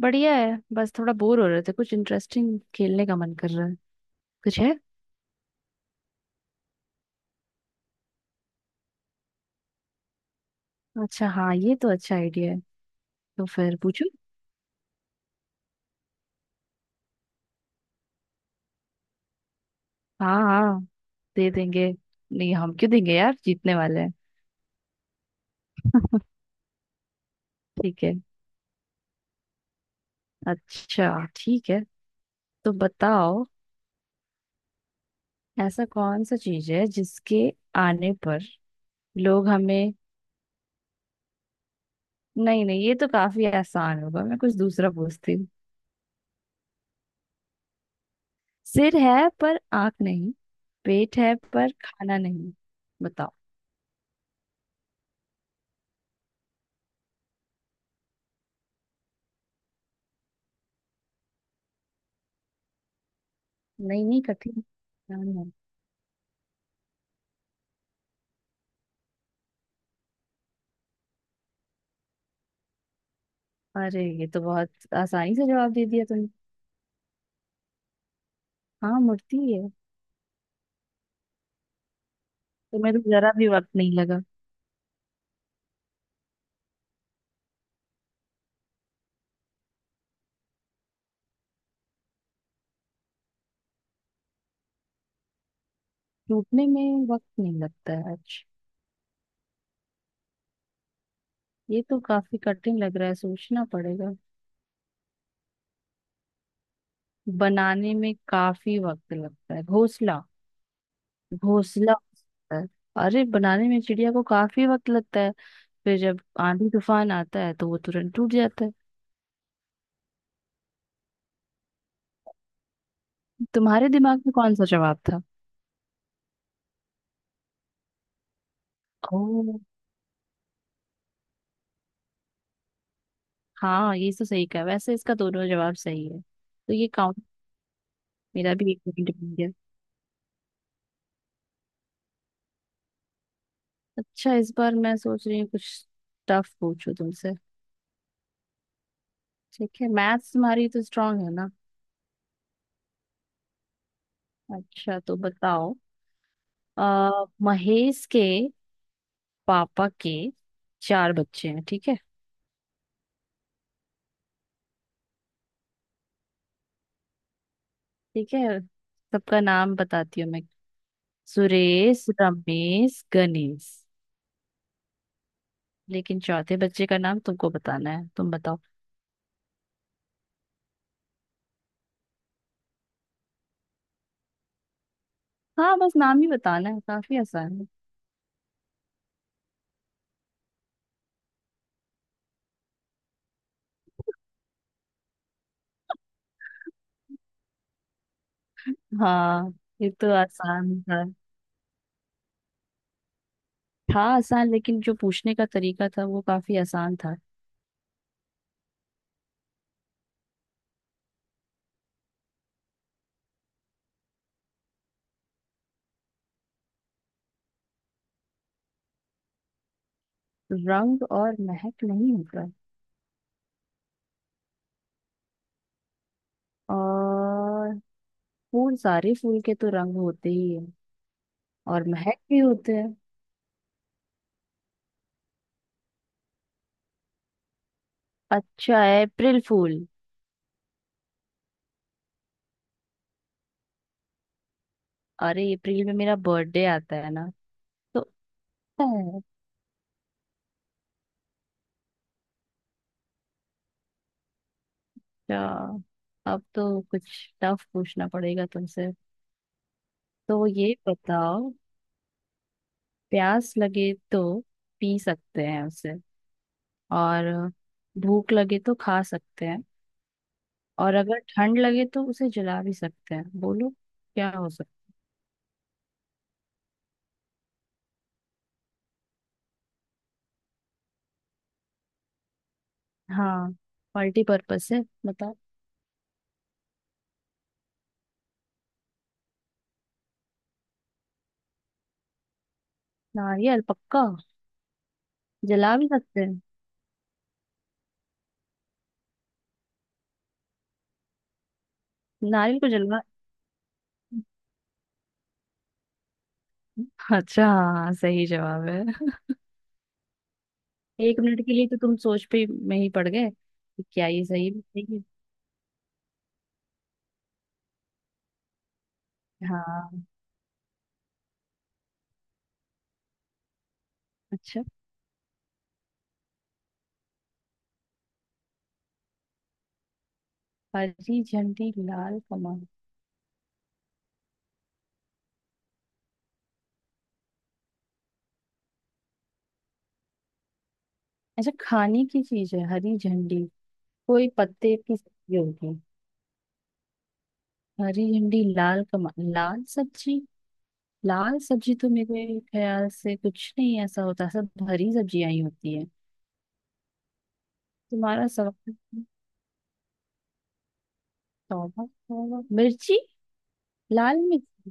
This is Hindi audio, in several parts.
बढ़िया है। बस थोड़ा बोर हो रहे थे, कुछ इंटरेस्टिंग खेलने का मन कर रहा है। कुछ है? अच्छा हाँ, ये तो अच्छा आइडिया है। तो फिर पूछो। हाँ हाँ, दे देंगे। नहीं, हम क्यों देंगे यार, जीतने वाले हैं। ठीक है। अच्छा ठीक है। तो बताओ। ऐसा कौन सा चीज है जिसके आने पर लोग हमें नहीं नहीं, ये तो काफी आसान होगा, मैं कुछ दूसरा पूछती हूँ। सिर है पर आंख नहीं, पेट है पर खाना नहीं। बताओ। नहीं नहीं कठिन। हाँ, हाँ। अरे ये तो बहुत आसानी से जवाब दे दिया तुमने। हाँ मूर्ति है। तुम्हें तो जरा भी वक्त नहीं लगा। टूटने में वक्त नहीं लगता है आज। ये तो काफी कठिन लग रहा है, सोचना पड़ेगा। बनाने में काफी वक्त लगता है घोंसला। घोंसला होता है। अरे बनाने में चिड़िया को काफी वक्त लगता है, फिर जब आंधी तूफान आता है तो वो तुरंत टूट जाता है। तुम्हारे दिमाग में कौन सा जवाब था? ओह, हाँ ये तो सही कहा, वैसे इसका दोनों जवाब सही है तो ये काउंट। मेरा भी एक पॉइंट। अच्छा इस बार मैं सोच रही हूँ कुछ टफ पूछूं तुमसे। ठीक है, मैथ्स तुम्हारी तो स्ट्रांग है ना। अच्छा तो बताओ। आ, महेश के पापा के चार बच्चे हैं, ठीक है? ठीक है। सबका नाम बताती हूँ मैं। सुरेश, रमेश, गणेश। लेकिन चौथे बच्चे का नाम तुमको बताना है, तुम बताओ। हाँ बस नाम ही बताना है, काफी आसान है। हाँ ये तो आसान था। था आसान, लेकिन जो पूछने का तरीका था वो काफी आसान था। रंग और महक नहीं होता? और फूल, सारे फूल के तो रंग होते ही है और महक भी होते हैं। अच्छा है, अप्रैल फूल। अरे अप्रैल में मेरा बर्थडे आता है ना। तो है, अच्छा। अब तो कुछ टफ पूछना पड़ेगा तुमसे। तो ये बताओ। प्यास लगे तो पी सकते हैं उसे, और भूख लगे तो खा सकते हैं, और अगर ठंड लगे तो उसे जला भी सकते हैं। बोलो क्या हो सकता है? हाँ, मल्टी पर्पस है। बताओ। नारियल पक्का। जला भी सकते हैं। नारियल को जला अच्छा हाँ, सही जवाब है। एक मिनट के लिए तो तुम सोच पे में ही पड़ गए कि क्या ये सही बताएगी। हाँ। अच्छा, हरी झंडी लाल कमल। अच्छा खाने की चीज है। हरी झंडी कोई पत्ते की सब्जी होगी। हरी झंडी लाल कमल, लाल सब्जी। लाल सब्जी तो मेरे ख्याल से कुछ नहीं ऐसा होता, सब हरी सब्जियां ही होती है। तुम्हारा सवाल है। तौबा तौबा मिर्ची। लाल मिर्ची।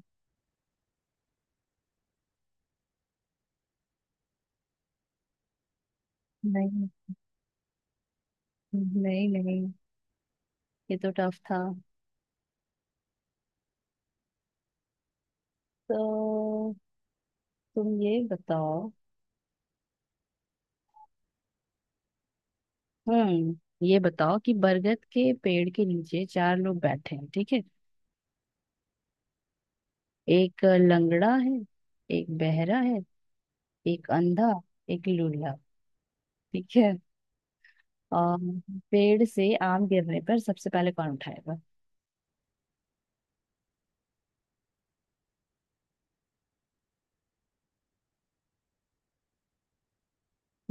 नहीं नहीं। नहीं, ये तो टफ था। तो तुम ये बताओ। हम्म। ये बताओ कि बरगद के पेड़ के नीचे चार लोग बैठे हैं, ठीक है? एक लंगड़ा है, एक बहरा है, एक अंधा, एक लूला, ठीक है? और पेड़ से आम गिरने पर सबसे पहले कौन उठाएगा?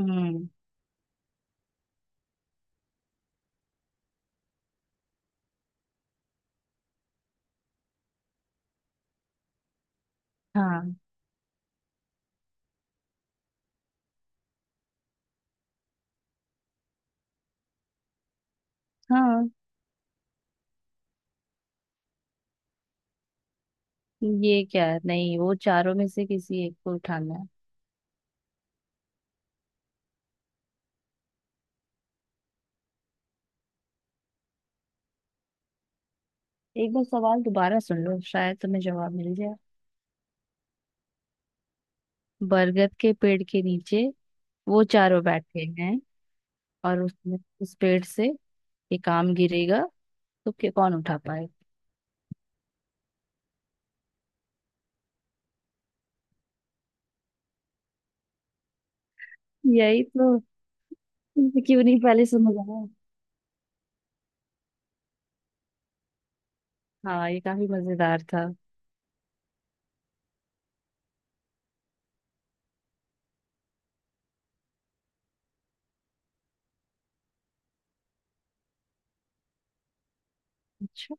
हम्म। हाँ हाँ। ये क्या है? नहीं वो चारों में से किसी एक को उठाना है। एक बार सवाल दोबारा सुन लो, शायद तुम्हें जवाब मिल जाए। बरगद के पेड़ के नीचे वो चारों बैठे हैं, और उसमें उस पेड़ से ये काम गिरेगा, तो क्या कौन उठा पाए। यही तो। तुमसे क्यों नहीं पहले समझ आया। हाँ ये काफी मजेदार था। अच्छा।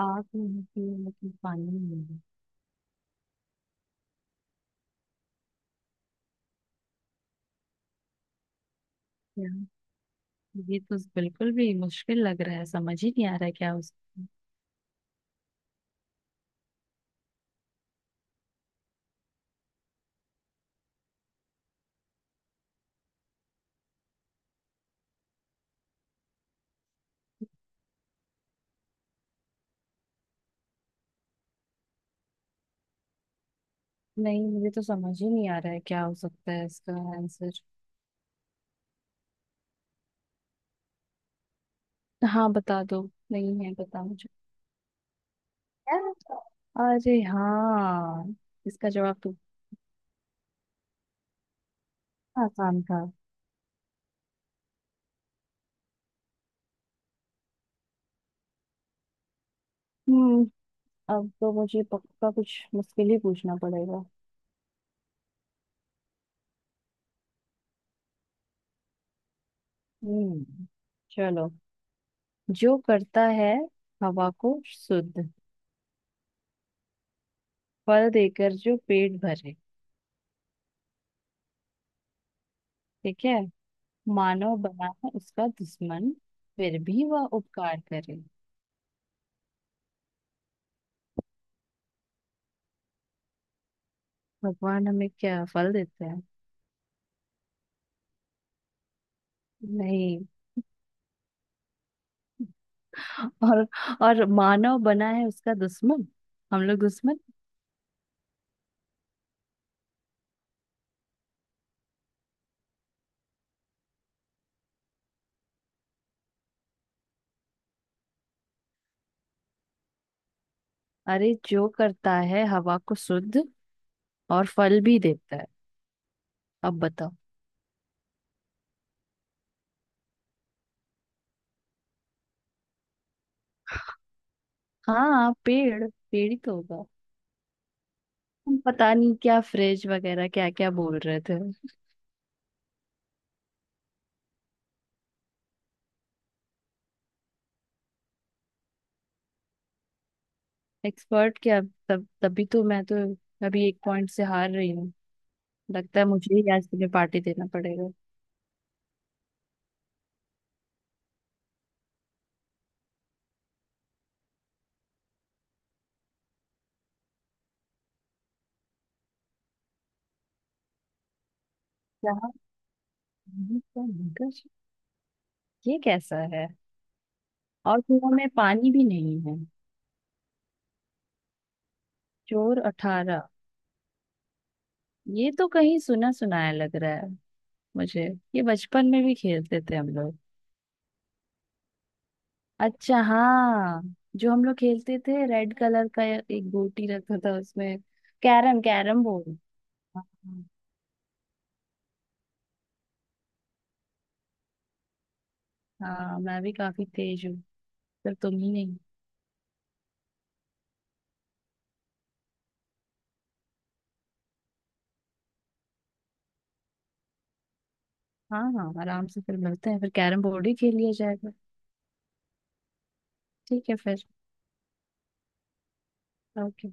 आग नहीं होती है लेकिन पानी नहीं है। यार ये तो बिल्कुल भी मुश्किल लग रहा है, समझ ही नहीं आ रहा है क्या हो सकता है। नहीं मुझे तो समझ ही नहीं आ रहा है क्या हो सकता है इसका आंसर। हाँ बता दो, नहीं है पता मुझे। यार, अरे हाँ। इसका जवाब तो इतना आसान था। हम्म। अब तो मुझे पक्का कुछ मुश्किल ही पूछना पड़ेगा। हम्म, चलो। जो करता है हवा को शुद्ध, फल देकर जो पेट भरे, ठीक है? मानव बना है उसका दुश्मन, फिर भी वह उपकार करे। भगवान हमें क्या फल देते हैं? नहीं। और, और मानव बना है उसका दुश्मन। हम लोग दुश्मन? अरे जो करता है हवा को शुद्ध, और फल भी देता है, अब बताओ। हाँ, पेड़। पेड़ ही तो होगा। तुम पता नहीं क्या फ्रिज वगैरह क्या क्या बोल रहे थे। एक्सपर्ट क्या, तब तभी तो मैं तो अभी एक पॉइंट से हार रही हूँ। लगता है मुझे ही आज तुम्हें पार्टी देना पड़ेगा। क्या, पानी का मगज? ये कैसा है, और कुआं में पानी भी नहीं है। चोर अठारह। ये तो कहीं सुना सुनाया लग रहा है मुझे। ये बचपन में भी खेलते थे हम लोग। अच्छा हाँ, जो हम लोग खेलते थे, रेड कलर का एक गोटी रखा था उसमें। Carrom, carrom board. हाँ। हाँ, मैं भी काफी तेज हूँ। पर तुम ही नहीं। हाँ हाँ, आराम से फिर मिलते हैं, फिर कैरम बोर्ड ही खेल लिया जाएगा। ठीक है फिर। ओके।